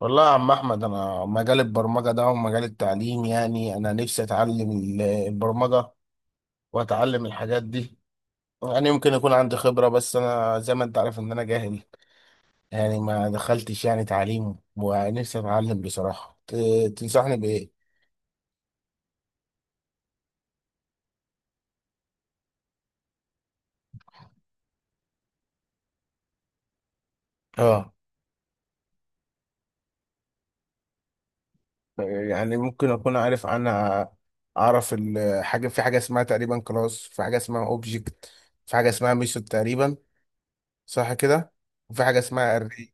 والله يا عم احمد، انا مجال البرمجه ده ومجال التعليم، يعني انا نفسي اتعلم البرمجه واتعلم الحاجات دي. يعني يمكن يكون عندي خبره، بس انا زي ما انت عارف ان انا جاهل، يعني ما دخلتش يعني تعليم، ونفسي اتعلم بصراحه. تنصحني بايه؟ اه. يعني ممكن اكون عارف، انا اعرف الحاجه. في حاجه اسمها تقريبا كلاس، في حاجه اسمها اوبجكت، في حاجه اسمها ميثود تقريبا، صح كده؟ وفي حاجه اسمها array،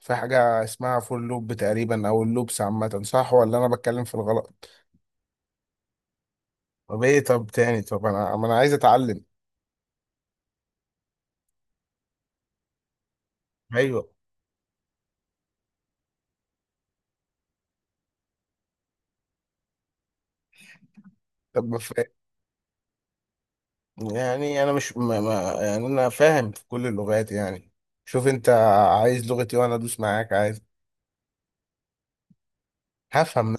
في حاجة اسمها فور لوب تقريبا، أو اللوبس عامة، صح ولا أنا بتكلم في الغلط؟ طب إيه؟ طب تاني، طب أنا، ما أنا عايز أتعلم. ايوه. طب ما فا- يعني أنا مش، ما، يعني أنا فاهم في كل اللغات يعني. شوف أنت عايز لغتي وأنا أدوس معاك، عايز هفهم.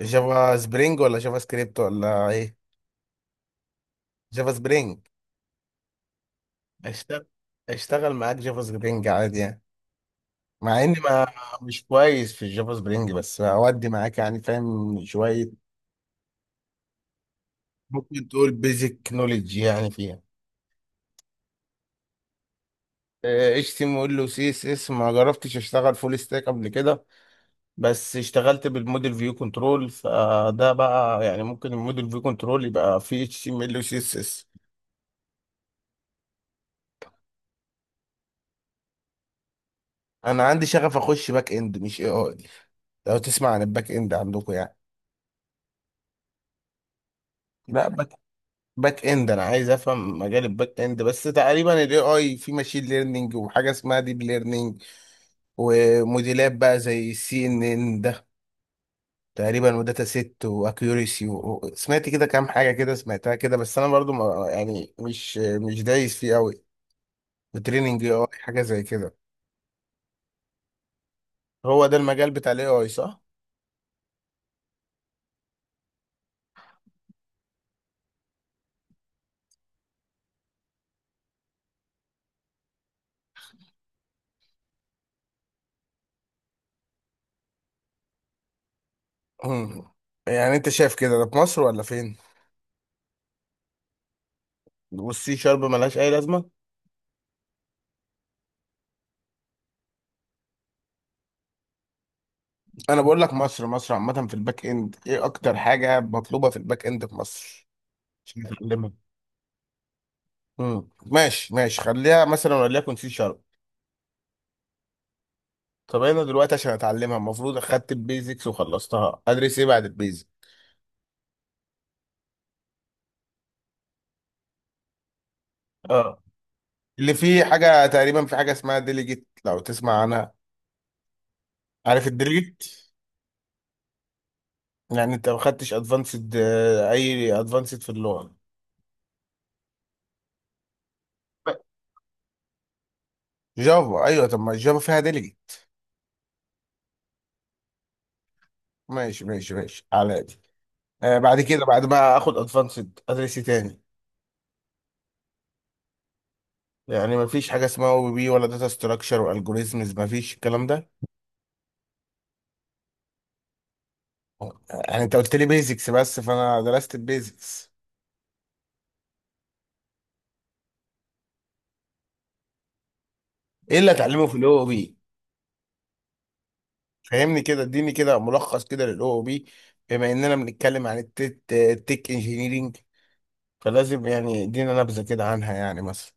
جافا سبرينج ولا جافا سكريبت ولا إيه؟ جافا سبرينج. أشتغل، أشتغل معاك جافا سبرينج عادي يعني، مع إني ما مش كويس في الجافا سبرينج، بس أودي معاك يعني، فاهم شوية. ممكن تقول بيزك نوليدج يعني فيها. اتش تي ام ال وسي اس اس. ما جربتش اشتغل فول ستاك قبل كده، بس اشتغلت بالموديل فيو كنترول. فده بقى يعني، ممكن الموديل فيو كنترول يبقى فيه اتش تي ام ال وسي اس اس. انا عندي شغف اخش باك اند، مش اي اي. لو تسمع عن الباك اند عندكم يعني. لا، باك، باك اند، انا عايز افهم مجال الباك اند. بس تقريبا الاي اي في ماشين ليرنينج، وحاجه اسمها ديب ليرنينج، وموديلات بقى زي السي ان ان تقريبا، وداتا ست، واكيوريسي، و... سمعت كده كام حاجه كده، سمعتها كده، بس انا برضو ما يعني، مش دايس فيه قوي بتريننج اي حاجه زي كده. هو ده المجال بتاع الاي اي صح؟ مم. يعني انت شايف كده، ده في مصر ولا فين؟ والسي شارب ملهاش اي لازمه؟ انا بقول لك مصر عامه، في الباك اند ايه اكتر حاجه مطلوبه في الباك اند في مصر؟ عشان اتعلمها. ماشي ماشي، خليها مثلا وليكن سي شارب. طب انا دلوقتي عشان اتعلمها، المفروض اخدت البيزكس وخلصتها، ادرس ايه بعد البيزكس؟ اه. اللي فيه حاجه تقريبا، في حاجه اسمها ديليجيت، لو تسمع عنها. عارف الديليجيت؟ يعني انت ما خدتش ادفانسد؟ اي ادفانسد في اللغه. جافا، ايوه، طب ما الجافا فيها ديليجيت. ماشي ماشي ماشي على دي. آه، بعد كده، بعد ما اخد ادفانسد، ادرس إيه تاني؟ يعني ما فيش حاجه اسمها او بي بي، ولا داتا ستراكشر والجوريزمز؟ ما فيش الكلام ده؟ يعني انت قلت لي بيزكس بس، فانا درست البيزكس. ايه اللي اتعلمه في الاو بي؟ فهمني كده، اديني كده ملخص كده للاو او بي، بما اننا بنتكلم عن التك انجينيرينج، فلازم يعني ادينا نبذه كده عنها يعني، مثلا.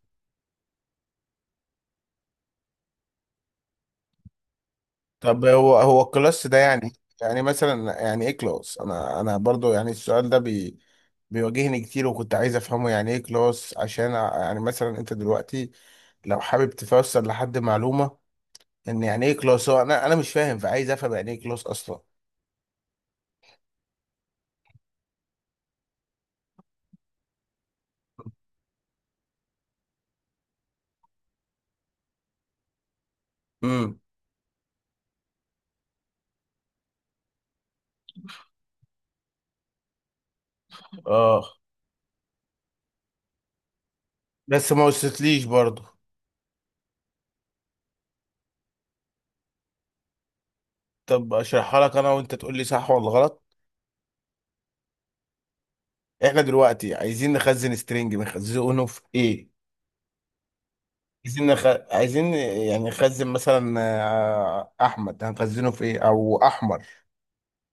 طب هو، هو الكلاس ده يعني، يعني مثلا، يعني ايه كلاس؟ انا برضو يعني، السؤال ده بيواجهني كتير، وكنت عايز افهمه. يعني ايه كلاس؟ عشان يعني مثلا، انت دلوقتي لو حابب تفسر لحد معلومه، ان يعني ايه كلاس؟ هو انا مش فاهم، فعايز افهم يعني ايه كلاس اصلا. امم اه، بس ما وصلتليش برضو. طب اشرحها لك انا، وانت تقول لي صح ولا غلط. احنا دلوقتي عايزين نخزن سترينج، بنخزنه في ايه؟ عايزين نخ... عايزين يعني نخزن مثلا، آه، احمد، هنخزنه في ايه؟ او احمر،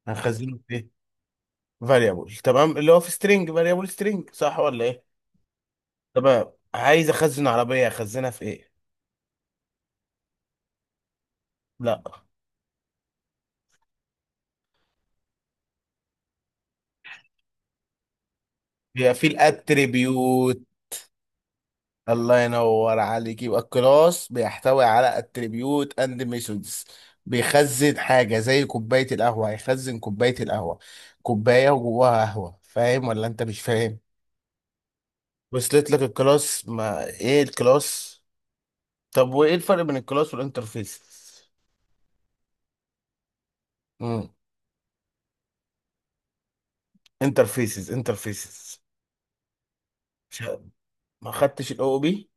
هنخزنه في ايه؟ فاريبل، تمام. اللي هو في سترينج، فاريبل سترينج، صح ولا ايه؟ تمام. عايز اخزن عربية، اخزنها في ايه؟ لا. هي في الاتريبيوت. الله ينور عليك. يبقى الكلاس بيحتوي على اتريبيوت اند ميثودز. بيخزن حاجه زي كوبايه القهوه، هيخزن كوبايه القهوه، كوبايه وجواها قهوه، فاهم ولا انت مش فاهم؟ وصلت لك الكلاس، ما ايه الكلاس. طب وايه الفرق بين الكلاس والانترفيس؟ امم انترفيسز. مش ه- ما خدتش الاو بي.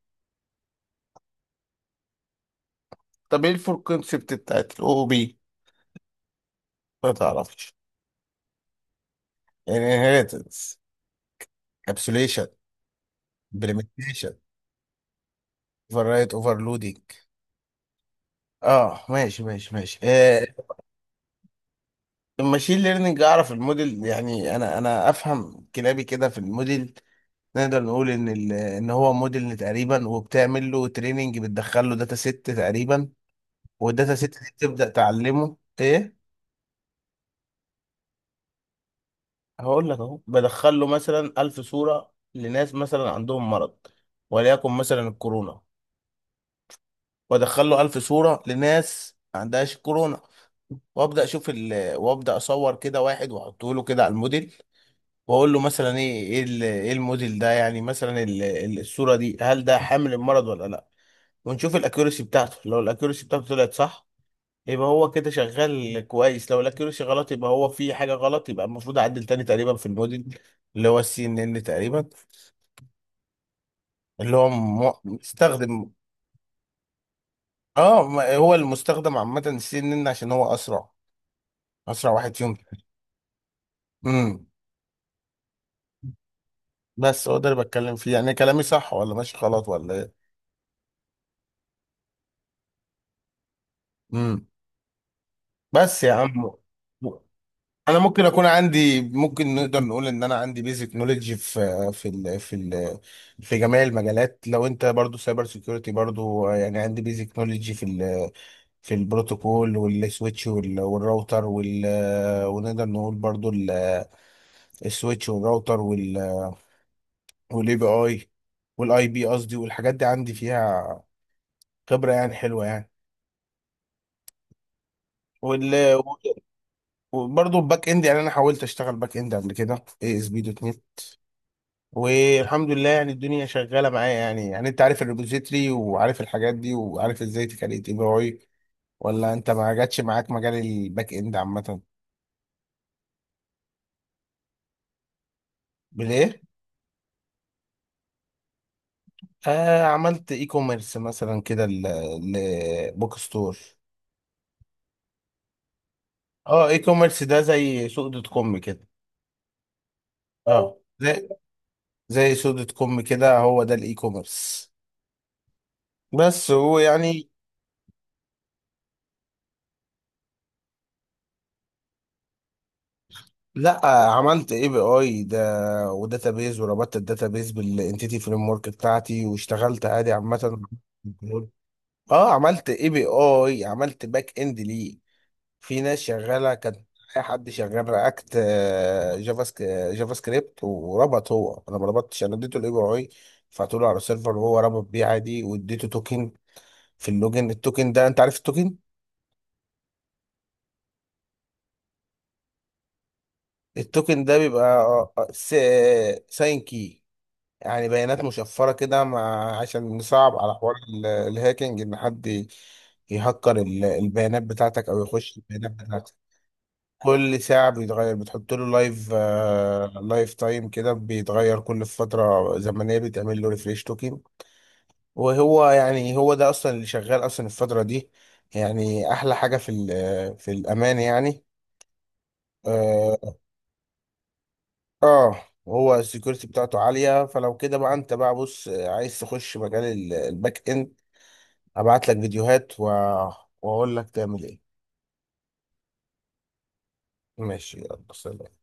طب ايه الفور كونسبت بتاعت الاو بي؟ ما تعرفش. انهيرتنس، ابسوليشن، implementation، اوفر رايت، اوفرلودنج. اه ماشي ماشي ماشي، آه. الماشين ليرنينج، اعرف الموديل يعني، انا افهم كلابي كده في الموديل. نقدر نقول ان ان هو موديل تقريبا، وبتعمل له تريننج، بتدخل له داتا ست تقريبا، والداتا ست دي تبدا تعلمه ايه. هقول لك اهو، بدخل له مثلا 1000 صوره لناس مثلا عندهم مرض، وليكن مثلا الكورونا، وادخل له 1000 صوره لناس ما عندهاش كورونا، وابدا اشوف ال...، وابدا اصور كده واحد واحطه له كده على الموديل، واقول له مثلا ايه، ايه إيه الموديل ده يعني، مثلا ال...، الصوره دي هل ده حامل المرض ولا لا. ونشوف الاكيورسي بتاعته. لو الاكيورسي بتاعته طلعت صح، يبقى هو كده شغال كويس. لو الاكيورسي غلط، يبقى هو في حاجه غلط، يبقى المفروض اعدل تاني تقريبا في الموديل، اللي هو السي ان ان تقريبا، اللي هو مستخدم. اه، هو المستخدم عامه السي ان ان عشان هو اسرع، اسرع واحد فيهم. بس هو ده اللي بتكلم فيه يعني، كلامي صح ولا ماشي غلط ولا ايه؟ امم. بس يا عم، انا ممكن اكون عندي، ممكن نقدر نقول ان انا عندي بيزك نوليدج في ال في جميع المجالات. لو انت برضو سايبر سيكيورتي برضو، يعني عندي بيزك نوليدج في ال، في البروتوكول والسويتش والراوتر وال، ونقدر نقول برضو السويتش والراوتر وال، والاي بي اي، والاي بي قصدي، والحاجات دي عندي فيها خبرة يعني حلوة يعني. وال، وبرضه الباك اند، يعني انا حاولت اشتغل باك اند قبل كده، اي اس بي دوت نت، والحمد لله يعني الدنيا شغاله معايا يعني. يعني انت عارف الريبوزيتري، وعارف الحاجات دي، وعارف ازاي تكريت اي بي اي، ولا انت ما جاتش معاك مجال الباك اند عامه؟ بالايه؟ آه، عملت اي كوميرس مثلا كده، لبوك ستور. اه، اي كوميرس ده زي سوق دوت كوم كده. اه، زي، زي سوق دوت كوم كده، هو ده الاي كوميرس. بس هو آه، يعني. لا، عملت اي بي اي ده وداتابيز، وربطت الداتابيز بالانتيتي فريم ورك بتاعتي، واشتغلت عادي عامه. اه، عملت اي بي اي، عملت باك اند ليه. في ناس شغاله كان، اي حد شغال رياكت، جافا سك- جافا سكريبت، وربط هو، انا ما ربطتش، انا اديته الاي بي اي، رفعته له على السيرفر، وهو ربط بيه عادي. واديته توكن في اللوجن. التوكن ده، انت عارف التوكن؟ التوكن ده بيبقى ساين كي، يعني بيانات مشفرة كده، مع عشان نصعب على حوار الهاكينج، إن حد يهكر البيانات بتاعتك، أو يخش البيانات بتاعتك. كل ساعة بيتغير، بتحط له لايف، آه، لايف تايم كده، بيتغير كل فترة زمنية، بتعمل له ريفريش توكن. وهو يعني، هو ده أصلا اللي شغال أصلا الفترة دي، يعني أحلى حاجة في ال، في الأمان يعني. آه. آه، هو السكيورتي بتاعته عالية. فلو كده بقى، أنت بقى بص، آه، عايز تخش مجال الباك إند، ابعت لك فيديوهات و...، واقول لك تعمل ايه. ماشي، يلا سلام.